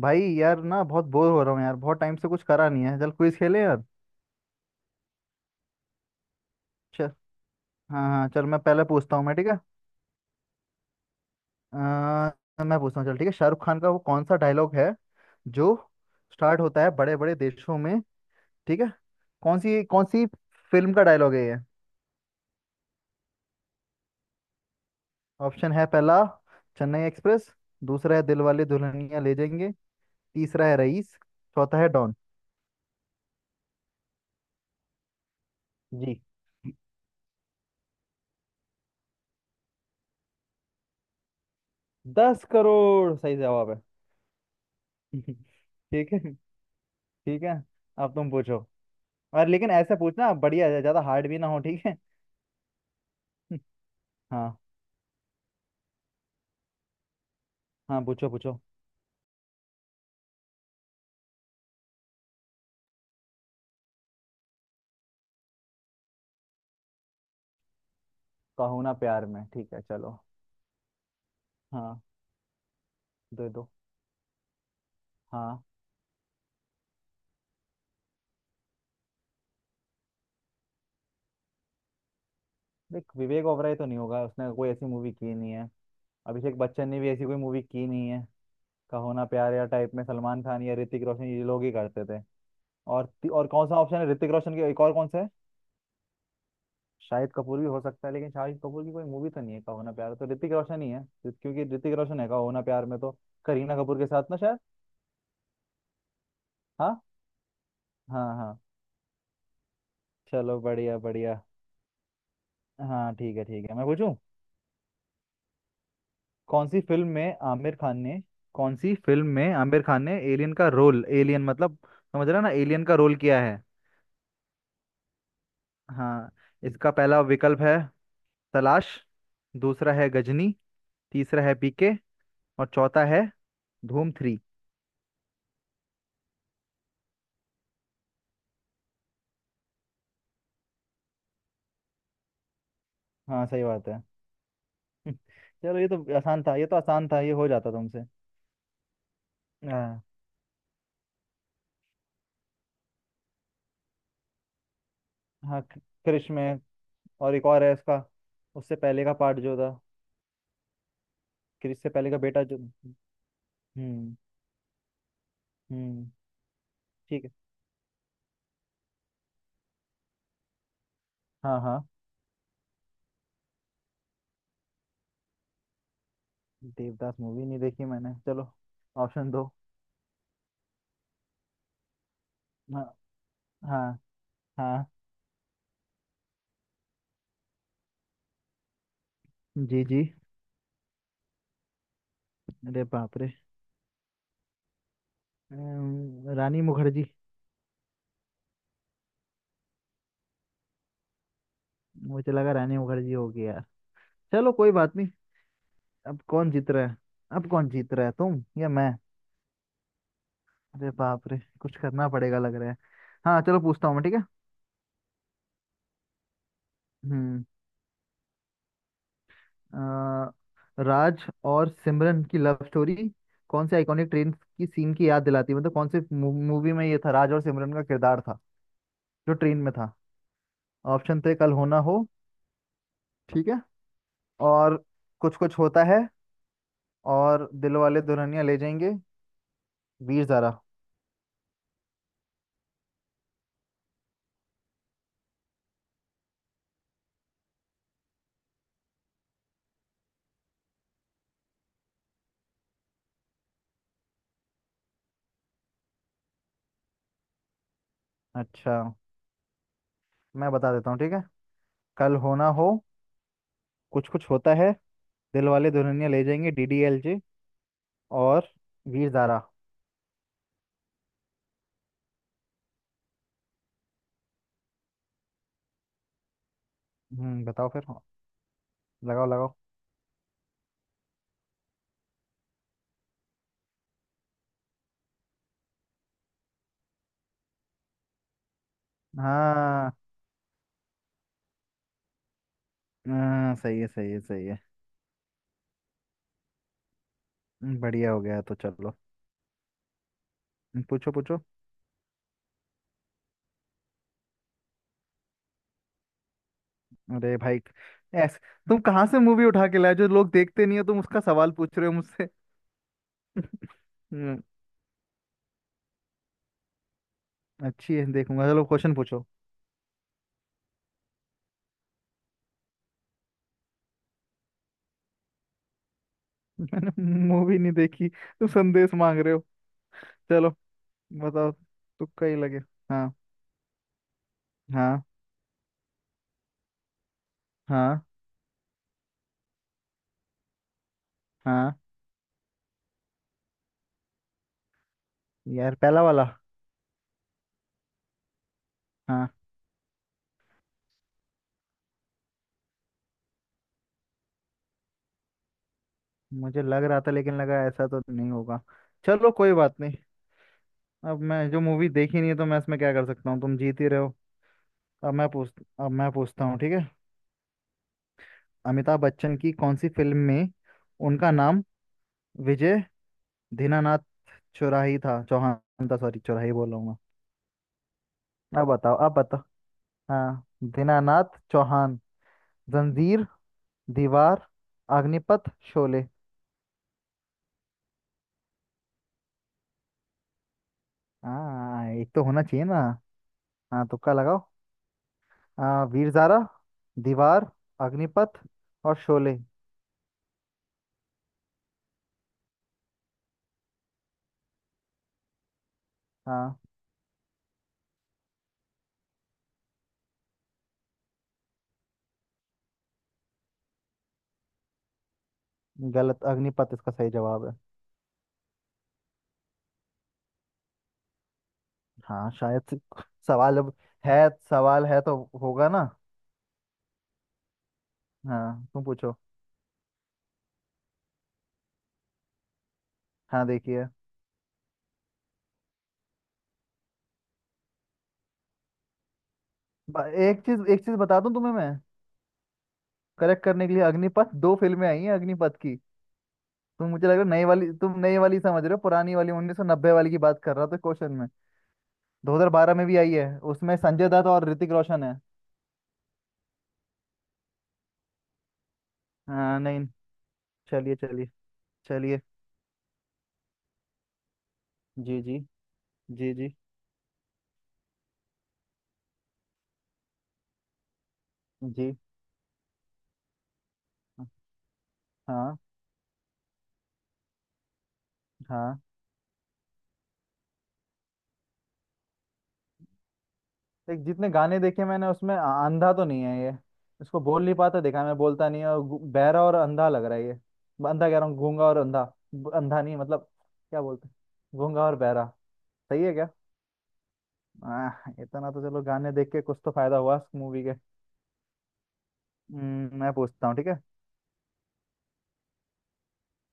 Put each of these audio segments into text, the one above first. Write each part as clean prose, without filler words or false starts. भाई यार ना बहुत बोर हो रहा हूँ यार। बहुत टाइम से कुछ करा नहीं है। चल क्विज खेले यार। चल। हाँ हाँ चल, मैं पहले पूछता हूँ मैं, ठीक है। मैं पूछता हूँ चल, ठीक है। शाहरुख खान का वो कौन सा डायलॉग है जो स्टार्ट होता है बड़े बड़े देशों में? ठीक है। कौन सी फिल्म का डायलॉग है ये? ऑप्शन है। पहला चेन्नई एक्सप्रेस, दूसरा है दिलवाले दुल्हनिया ले जाएंगे, तीसरा है रईस, चौथा है डॉन। जी, दस करोड़ सही जवाब है। ठीक है, ठीक है। अब तुम पूछो। और लेकिन ऐसे पूछना बढ़िया है, ज्यादा हार्ड भी ना हो, ठीक है। हाँ। हाँ पूछो पूछो। कहो ना प्यार में, ठीक है चलो। हाँ दे दो। हाँ, देख विवेक ओबराय तो नहीं होगा, उसने कोई ऐसी मूवी की नहीं है। अभिषेक बच्चन ने भी ऐसी कोई मूवी की नहीं है। कहो ना प्यार या टाइप में सलमान खान या ऋतिक रोशन ये लोग ही करते थे। और और कौन सा ऑप्शन है ऋतिक रोशन के? एक और कौन सा है? शाहिद कपूर भी हो सकता है, लेकिन शाहिद कपूर की कोई मूवी तो नहीं है कहो ना प्यार, तो ऋतिक रोशन ही है। क्योंकि ऋतिक रोशन है कहो ना प्यार में तो, करीना कपूर के साथ ना शायद। हाँ। हाँ हाँ। चलो बढ़िया बढ़िया। हाँ ठीक है, ठीक है मैं पूछूं। कौन सी फिल्म में आमिर खान ने, कौन सी फिल्म में आमिर खान ने एलियन का रोल, एलियन मतलब समझ रहे हो ना, एलियन का रोल किया है। हाँ। इसका पहला विकल्प है तलाश, दूसरा है गजनी, तीसरा है पीके, और चौथा है धूम थ्री। हाँ सही बात है। चलो ये तो आसान था, ये तो आसान था, ये हो जाता तुमसे। हाँ, क्रिश में। और एक और है इसका, उससे पहले का पार्ट जो था। क्रिश से पहले का बेटा जो। हम्म। हम्म। ठीक है। हाँ हाँ। देवदास मूवी नहीं देखी मैंने, चलो। ऑप्शन दो। हाँ। हाँ। हाँ। जी जी। अरे बाप रे। रानी मुखर्जी। मुझे लगा रानी मुखर्जी होगी यार। चलो कोई बात नहीं। अब कौन जीत रहा है? अब कौन जीत रहा है, तुम या मैं? अरे बाप रे, कुछ करना पड़ेगा लग रहा है। हाँ चलो पूछता हूँ मैं, ठीक है। हम्म। अ, राज और सिमरन की लव स्टोरी कौन से आइकॉनिक ट्रेन की सीन की याद दिलाती है? मतलब कौन से मूवी में ये था, राज और सिमरन का किरदार था जो ट्रेन में था? ऑप्शन थे कल होना हो, ठीक है। और कुछ कुछ होता है, और दिल वाले दुल्हनिया ले जाएंगे, वीर ज़ारा। अच्छा, मैं बता देता हूँ ठीक है। कल होना हो, कुछ कुछ होता है, दिल वाले Dulhania Le Jayenge D D L J, और वीर ज़ारा। बताओ फिर, लगाओ लगाओ। हाँ। हाँ, सही है सही है सही है। बढ़िया हो गया, तो चलो। पूछो पूछो। अरे भाई, ऐस, तुम कहाँ से मूवी उठा के लाए जो लोग देखते नहीं हो? तुम उसका सवाल पूछ रहे हो मुझसे। हम्म, अच्छी है देखूंगा, चलो क्वेश्चन पूछो। मैंने मूवी नहीं देखी तो संदेश मांग रहे हो। चलो बताओ, तुक्का ही लगे। हाँ। हाँ। हाँ। हाँ, यार पहला वाला। हाँ। मुझे लग रहा था, लेकिन लगा ऐसा तो नहीं होगा। चलो कोई बात नहीं। अब मैं जो मूवी देखी नहीं है तो मैं इसमें क्या कर सकता हूँ, तुम जीत ही रहे हो। अब मैं पूछ अब मैं पूछता हूँ, ठीक है। अमिताभ बच्चन की कौन सी फिल्म में उनका नाम विजय दीनानाथ चौराही था, चौहान था सॉरी, चौराही बोल रहा हूँ मैं। अब बताओ, अब बताओ। हाँ दीनानाथ चौहान। जंजीर, दीवार, अग्निपथ, शोले। हाँ एक तो होना चाहिए ना। हाँ तुक्का लगाओ। हाँ, वीर ज़ारा, दीवार, अग्निपथ, और शोले। हाँ गलत, अग्निपथ इसका सही जवाब है। हाँ शायद सवाल अब है, सवाल है तो होगा ना। हाँ तुम पूछो। हाँ देखिए। एक चीज, एक चीज बता दूं तुम्हें मैं, करेक्ट करने के लिए, अग्निपथ दो फिल्में आई हैं अग्निपथ की। तुम, मुझे लग रहा है नई वाली, तुम नई वाली समझ रहे हो, पुरानी वाली 1990 वाली की बात कर रहा था क्वेश्चन में। 2012 में भी आई है, उसमें संजय दत्त और ऋतिक रोशन है। हाँ नहीं। चलिए चलिए। चलिए। जी जी। जी जी। जी। हाँ। हाँ देख जितने गाने देखे मैंने उसमें अंधा तो नहीं है ये। इसको बोल नहीं पाता देखा, मैं, बोलता नहीं है, और बहरा और अंधा लग रहा है ये। अंधा कह रहा हूँ, गूंगा और अंधा। अंधा नहीं मतलब, क्या बोलते हैं, गूंगा और बहरा। सही है क्या? आह, इतना तो चलो गाने देख के कुछ तो फायदा हुआ मूवी के। मैं पूछता हूँ ठीक है।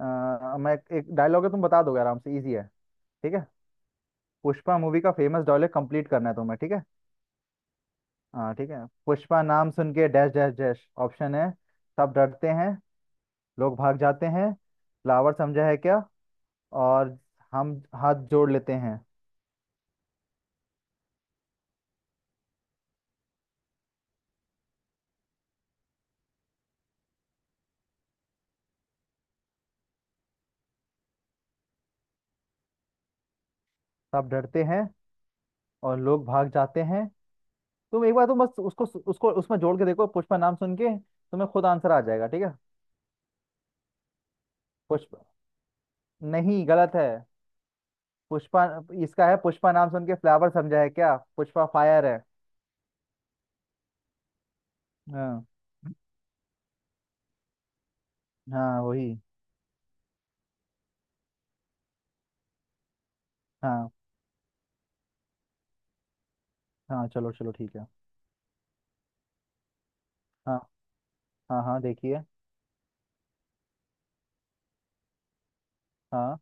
मैं एक डायलॉग है तुम बता दोगे आराम से, इजी है, ठीक है। पुष्पा मूवी का फेमस डायलॉग कंप्लीट करना है तुम्हें, ठीक है। हाँ ठीक है। पुष्पा नाम सुन के डैश डैश डैश। ऑप्शन है, सब डरते हैं, लोग भाग जाते हैं, फ्लावर समझा है क्या, और हम हाथ जोड़ लेते हैं। सब डरते हैं और लोग भाग जाते हैं। तुम एक बार, तुम बस उसको, उसको उसमें जोड़ के देखो, पुष्पा नाम सुन के, तुम्हें खुद आंसर आ जाएगा ठीक है। पुष्पा। नहीं गलत है। पुष्पा, इसका है पुष्पा नाम सुन के फ्लावर समझा है क्या, पुष्पा फायर है। हाँ। हाँ वही। हाँ हाँ चलो चलो ठीक है। हाँ। हाँ हाँ देखिए। हाँ।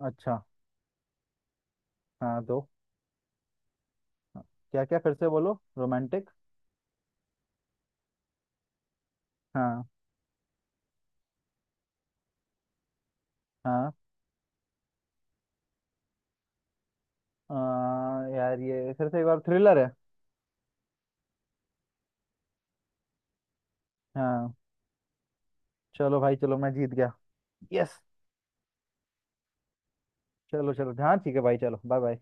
अच्छा। हाँ दो। हाँ, क्या क्या, फिर से बोलो, रोमांटिक। हाँ। हाँ। आ, यार ये फिर से एक बार, थ्रिलर है। हाँ। चलो भाई, चलो, मैं जीत गया। यस। चलो चलो हाँ ठीक है भाई चलो बाय बाय।